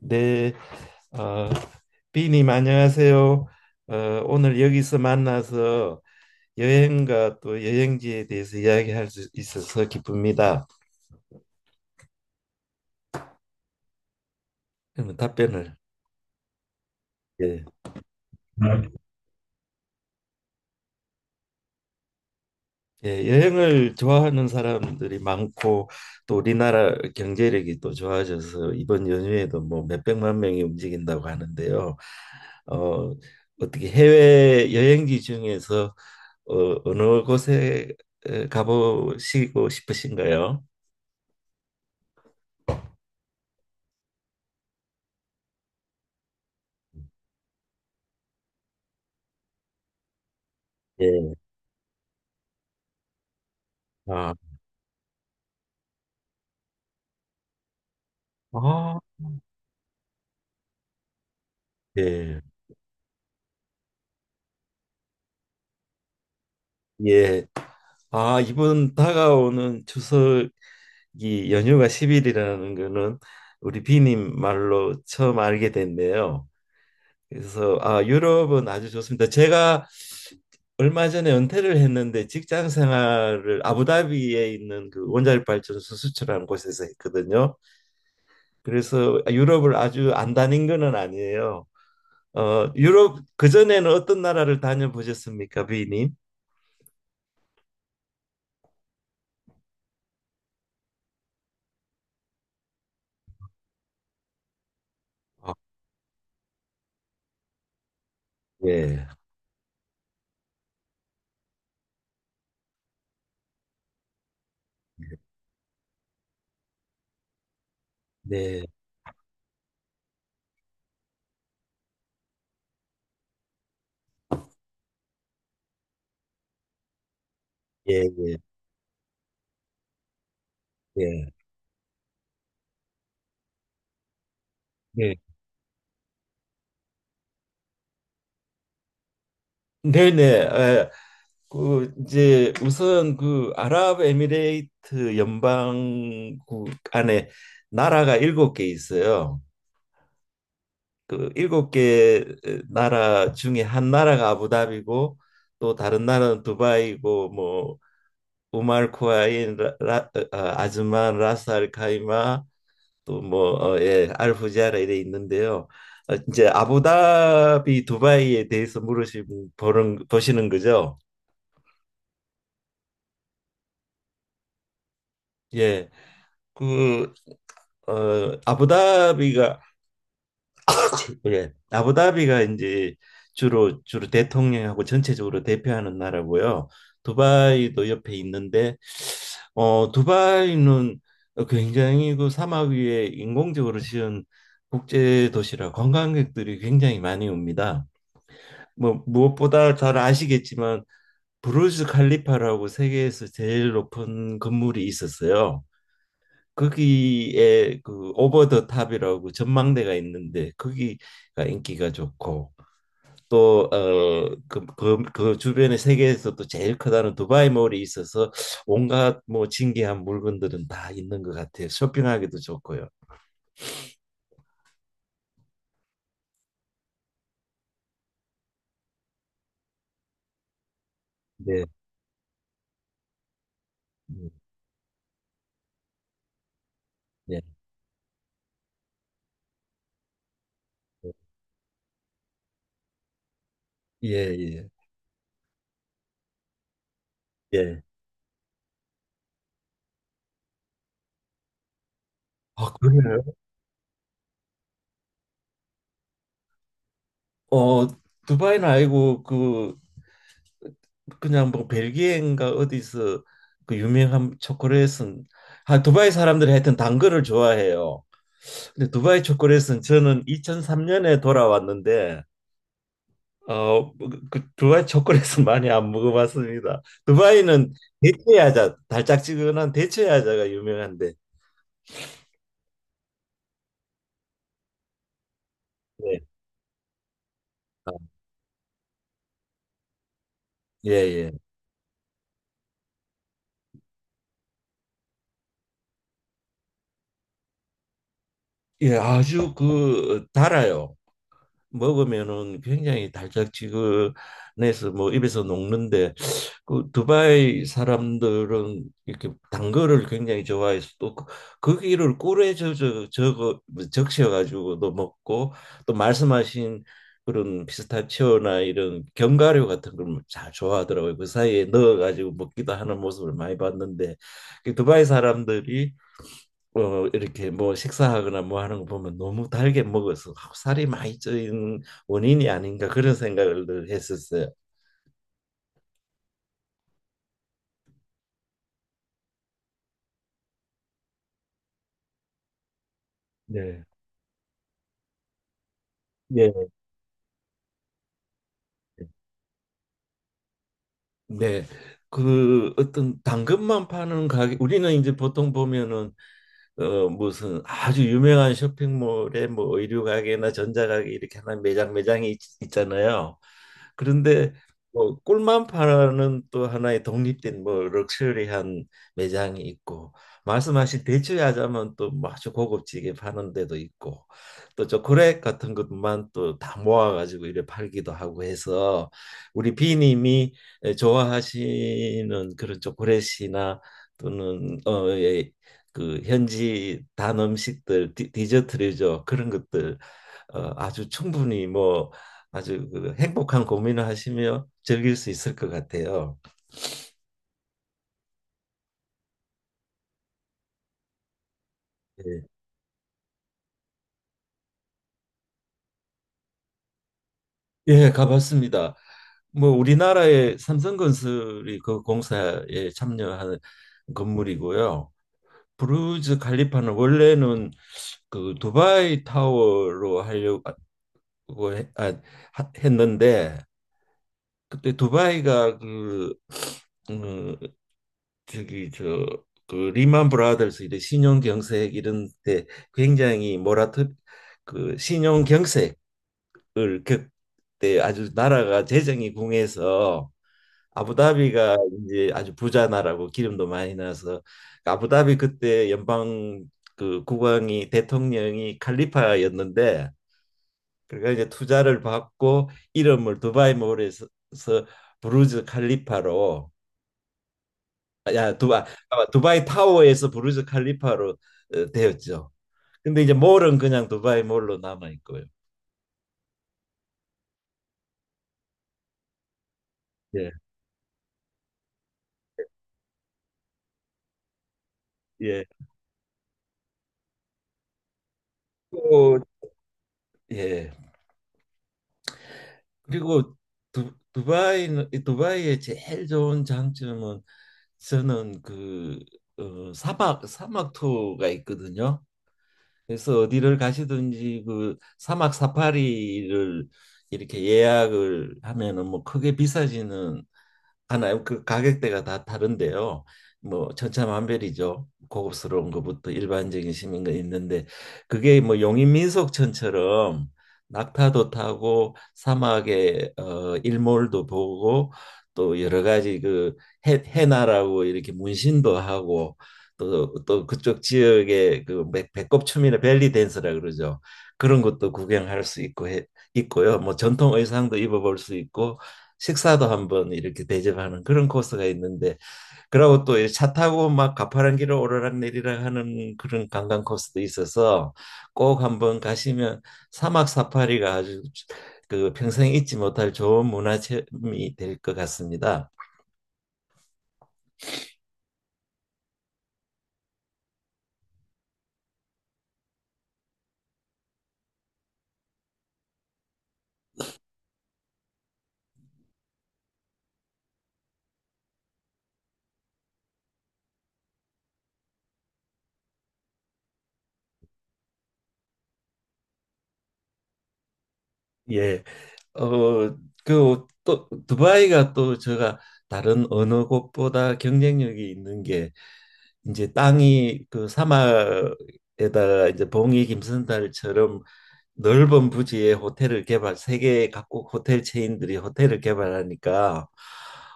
네, 어, 비님 안녕하세요. 어, 오늘 여기서 만나서 여행과 또 여행지에 대해서 이야기할 수 있어서 기쁩니다. 그러면 답변을. 예, 예, 여행을 좋아하는 사람들이 많고 또 우리나라 경제력이 또 좋아져서 이번 연휴에도 뭐 몇백만 명이 움직인다고 하는데요. 어, 어떻게 해외 여행지 중에서 어느 곳에 가보시고 싶으신가요? 예. 아, 아, 예. 예. 아, 이번 다가오는 추석이 연휴가 10일이라는 거는 우리 비님 말로 처음 알게 됐네요. 그래서 아, 유럽은 아주 좋습니다. 제가 얼마 전에 은퇴를 했는데 직장 생활을 아부다비에 있는 그 원자력 발전소 수출하는 곳에서 했거든요. 그래서 유럽을 아주 안 다닌 거는 아니에요. 유럽 그전에는 어떤 나라를 다녀보셨습니까, 비님? 예, 네, 예, 예, 예, 예. 네, 네. 에, 그 이제 우선 그 아랍에미레이트 연방국 안에 나라가 일곱 개 있어요. 그 일곱 개 나라 중에 한 나라가 아부다비고 또 다른 나라는 두바이고 뭐 우말 쿠아인, 아즈만, 라스 알 카이마, 또 뭐, 예, 알후지아라 이래 있는데요. 이제 아부다비 두바이에 대해서 물으시는 보는 보시는 거죠. 예, 그 아부다비가 예, 아부다비가 이제 주로 대통령하고 전체적으로 대표하는 나라고요. 두바이도 옆에 있는데 두바이는 굉장히 그 사막 위에 인공적으로 지은 국제 도시라 관광객들이 굉장히 많이 옵니다. 뭐 무엇보다 잘 아시겠지만 브루즈 칼리파라고 세계에서 제일 높은 건물이 있었어요. 거기에 그 오버 더 탑이라고 전망대가 있는데 거기가 인기가 좋고 또 그 주변에 세계에서도 제일 크다는 두바이 몰이 있어서 온갖 뭐 진귀한 물건들은 다 있는 것 같아요. 쇼핑하기도 좋고요. 네. 음, 네. 예, 예, 예. 아, 그래요? 어, 두바이는 아니고 그 그냥 뭐 벨기에인가 어디서 그 유명한 초콜릿은. 아, 두바이 사람들이 하여튼 단 거를 좋아해요. 근데 두바이 초콜릿은 저는 2003년에 돌아왔는데 두바이 초콜릿은 많이 안 먹어봤습니다. 두바이는 대체야자, 달짝지근한 대체야자가 유명한데. 네. 아, 예, 예. 예, 아주 그 달아요. 먹으면은 굉장히 달짝지근해서 뭐 입에서 녹는데 그 두바이 사람들은 이렇게 단 거를 굉장히 좋아해서 또 거기를 꿀에 저저 저거 뭐 적셔가지고도 먹고 또 말씀하신 그런 피스타치오나 이런 견과류 같은 걸 잘 좋아하더라고요. 그 사이에 넣어가지고 먹기도 하는 모습을 많이 봤는데 그 두바이 사람들이 이렇게 뭐 식사하거나 뭐 하는 거 보면 너무 달게 먹어서 살이 많이 쪄인 원인이 아닌가 그런 생각을 늘 했었어요. 네. 예. 네. 그 어떤 당근만 파는 가게 우리는 이제 보통 보면은 무슨 아주 유명한 쇼핑몰에 뭐 의류 가게나 전자 가게 이렇게 하나 매장이 있잖아요. 그런데 뭐 꿀만 파는 또 하나의 독립된 뭐 럭셔리한 매장이 있고 말씀하신 대추야자만 또 뭐 아주 고급지게 파는 데도 있고 또 초콜릿 같은 것만 또 다 모아가지고 이래 팔기도 하고 해서 우리 비님이 좋아하시는 그런 초콜릿이나 또는 어, 예, 그 현지 단 음식들 디저트류죠. 그런 것들 아주 충분히 뭐 아주 그 행복한 고민을 하시며 즐길 수 있을 것 같아요. 예, 예, 가봤습니다. 뭐 우리나라의 삼성건설이 그 공사에 참여한 건물이고요. 브루즈 칼리파는 원래는 그 두바이 타워로 하려고 해- 아, 했는데 그때 두바이가 그 음, 저기 저 그 리만 브라더스 이런 신용 경색 이런 데 굉장히 모라토 그 신용 경색을 그때 아주 나라가 재정이 궁해서 아부다비가 이제 아주 부자 나라고 기름도 많이 나서 아부다비 그때 연방 그 국왕이 대통령이 칼리파였는데 그러니까 이제 투자를 받고 이름을 두바이 몰에서 부르즈 칼리파로 야, 두바, 아 두바이 타워에서 부르즈 칼리파로 되었죠. 근데 이제 몰은 그냥 두바이 몰로 남아 있고요. 예, 예. 또, 예. 그리고 두바이는 이 두바이의 제일 좋은 장점은 저는 그 사막 투어가 있거든요. 그래서 어디를 가시든지 그 사막 사파리를 이렇게 예약을 하면은 뭐 크게 비싸지는 하나요? 그 가격대가 다 다른데요. 뭐 천차만별이죠. 고급스러운 것부터 일반적인 시민 가 있는데 그게 뭐 용인민속촌처럼 낙타도 타고 사막의 일몰도 보고 또 여러 가지 그 해나라고 이렇게 문신도 하고 또 그쪽 지역의 그 배꼽춤이나 벨리 댄스라 그러죠. 그런 것도 구경할 수 있고 있고요. 뭐 전통 의상도 입어볼 수 있고 식사도 한번 이렇게 대접하는 그런 코스가 있는데 그러고 또 차 타고 막 가파른 길을 오르락내리락 하는 그런 관광 코스도 있어서 꼭 한번 가시면 사막 사파리가 아주 그 평생 잊지 못할 좋은 문화 체험이 될 것 같습니다. 예. 어, 그 또 두바이가 또 제가 다른 어느 곳보다 경쟁력이 있는 게 이제 땅이 그 사막에다가 이제 봉이 김선달처럼 넓은 부지에 호텔을 개발 세계 각국 호텔 체인들이 호텔을 개발하니까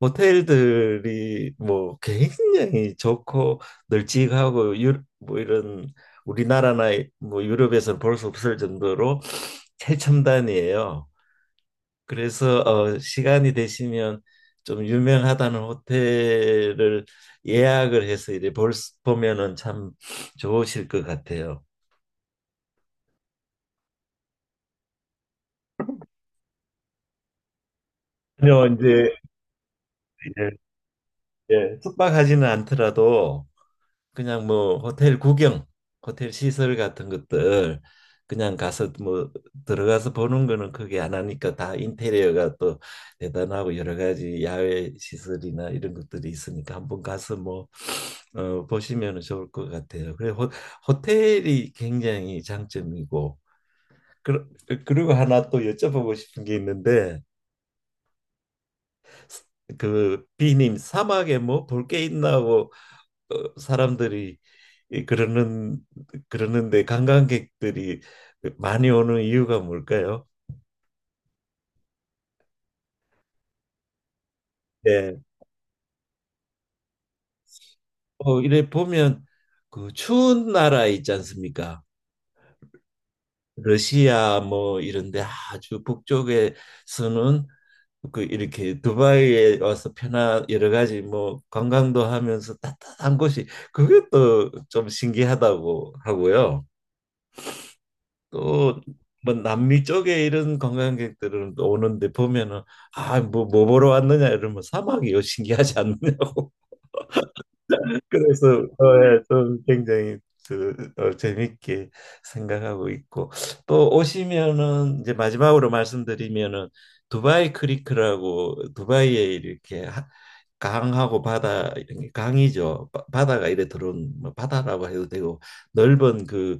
호텔들이 뭐 굉장히 좋고 널찍하고 유, 뭐 이런 우리나라나 뭐 유럽에서는 볼 수 없을 정도로 최첨단이에요. 그래서 시간이 되시면 좀 유명하다는 호텔을 예약을 해서 이제 보면은 참 좋으실 것 같아요. 그요 이제 예, 숙박하지는 않더라도 그냥 뭐 호텔 구경, 호텔 시설 같은 것들 그냥 가서 뭐 들어가서 보는 거는 크게 안 하니까 다 인테리어가 또 대단하고 여러 가지 야외 시설이나 이런 것들이 있으니까 한번 가서 뭐 보시면 좋을 것 같아요. 그래 호텔이 굉장히 장점이고 그, 그리고 하나 또 여쭤보고 싶은 게 있는데 그 비님 사막에 뭐 볼 게 있나 하고 사람들이 이 그러는 그러는데 관광객들이 많이 오는 이유가 뭘까요? 네. 어, 이래 보면 그 추운 나라 있지 않습니까? 러시아 뭐 이런데 아주 북쪽에서는 그 이렇게 두바이에 와서 편한 여러 가지 뭐 관광도 하면서 따뜻한 곳이 그게 또 좀 신기하다고 하고요. 또 뭐 남미 쪽에 이런 관광객들은 또 오는데 보면은 아 뭐 뭐 보러 왔느냐 이러면 사막이요 신기하지 않느냐고. 그래서 어, 예, 좀 굉장히 그, 재밌게 생각하고 있고 또 오시면은 이제 마지막으로 말씀드리면은 두바이 크리크라고 두바이에 이렇게 강하고 바다 이런 게 강이죠. 바다가 이래 들어온 뭐 바다라고 해도 되고 넓은 그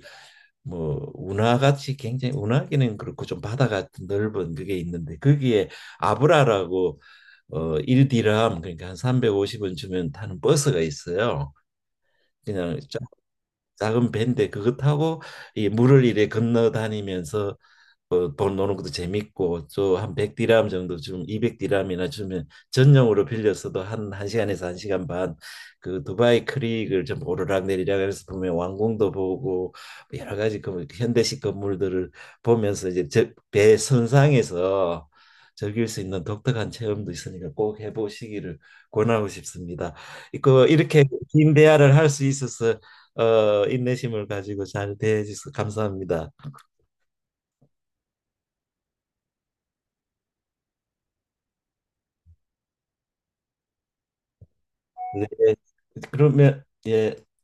뭐 운하같이 굉장히 운하기는 그렇고 좀 바다 같은 넓은 그게 있는데 거기에 아브라라고 어 1디람 그러니까 한 350원 주면 타는 버스가 있어요. 그냥 작은 배인데 그것 타고 이 물을 이래 건너 다니면서 돈 노는 것도 재밌고 또 한 100디람 정도 좀 200디람이나 주면 전용으로 빌려서도 한 1시간에서 1시간 반 그 두바이 크릭을 좀 오르락내리락 하면서 보면 왕궁도 보고 여러 가지 그 현대식 건물들을 보면서 이제 배 선상에서 즐길 수 있는 독특한 체험도 있으니까 꼭 해보시기를 권하고 싶습니다. 그 이렇게 긴 대화를 할 수 있어서 인내심을 가지고 잘 대해 주셔서 감사합니다. 네. 그러면 예,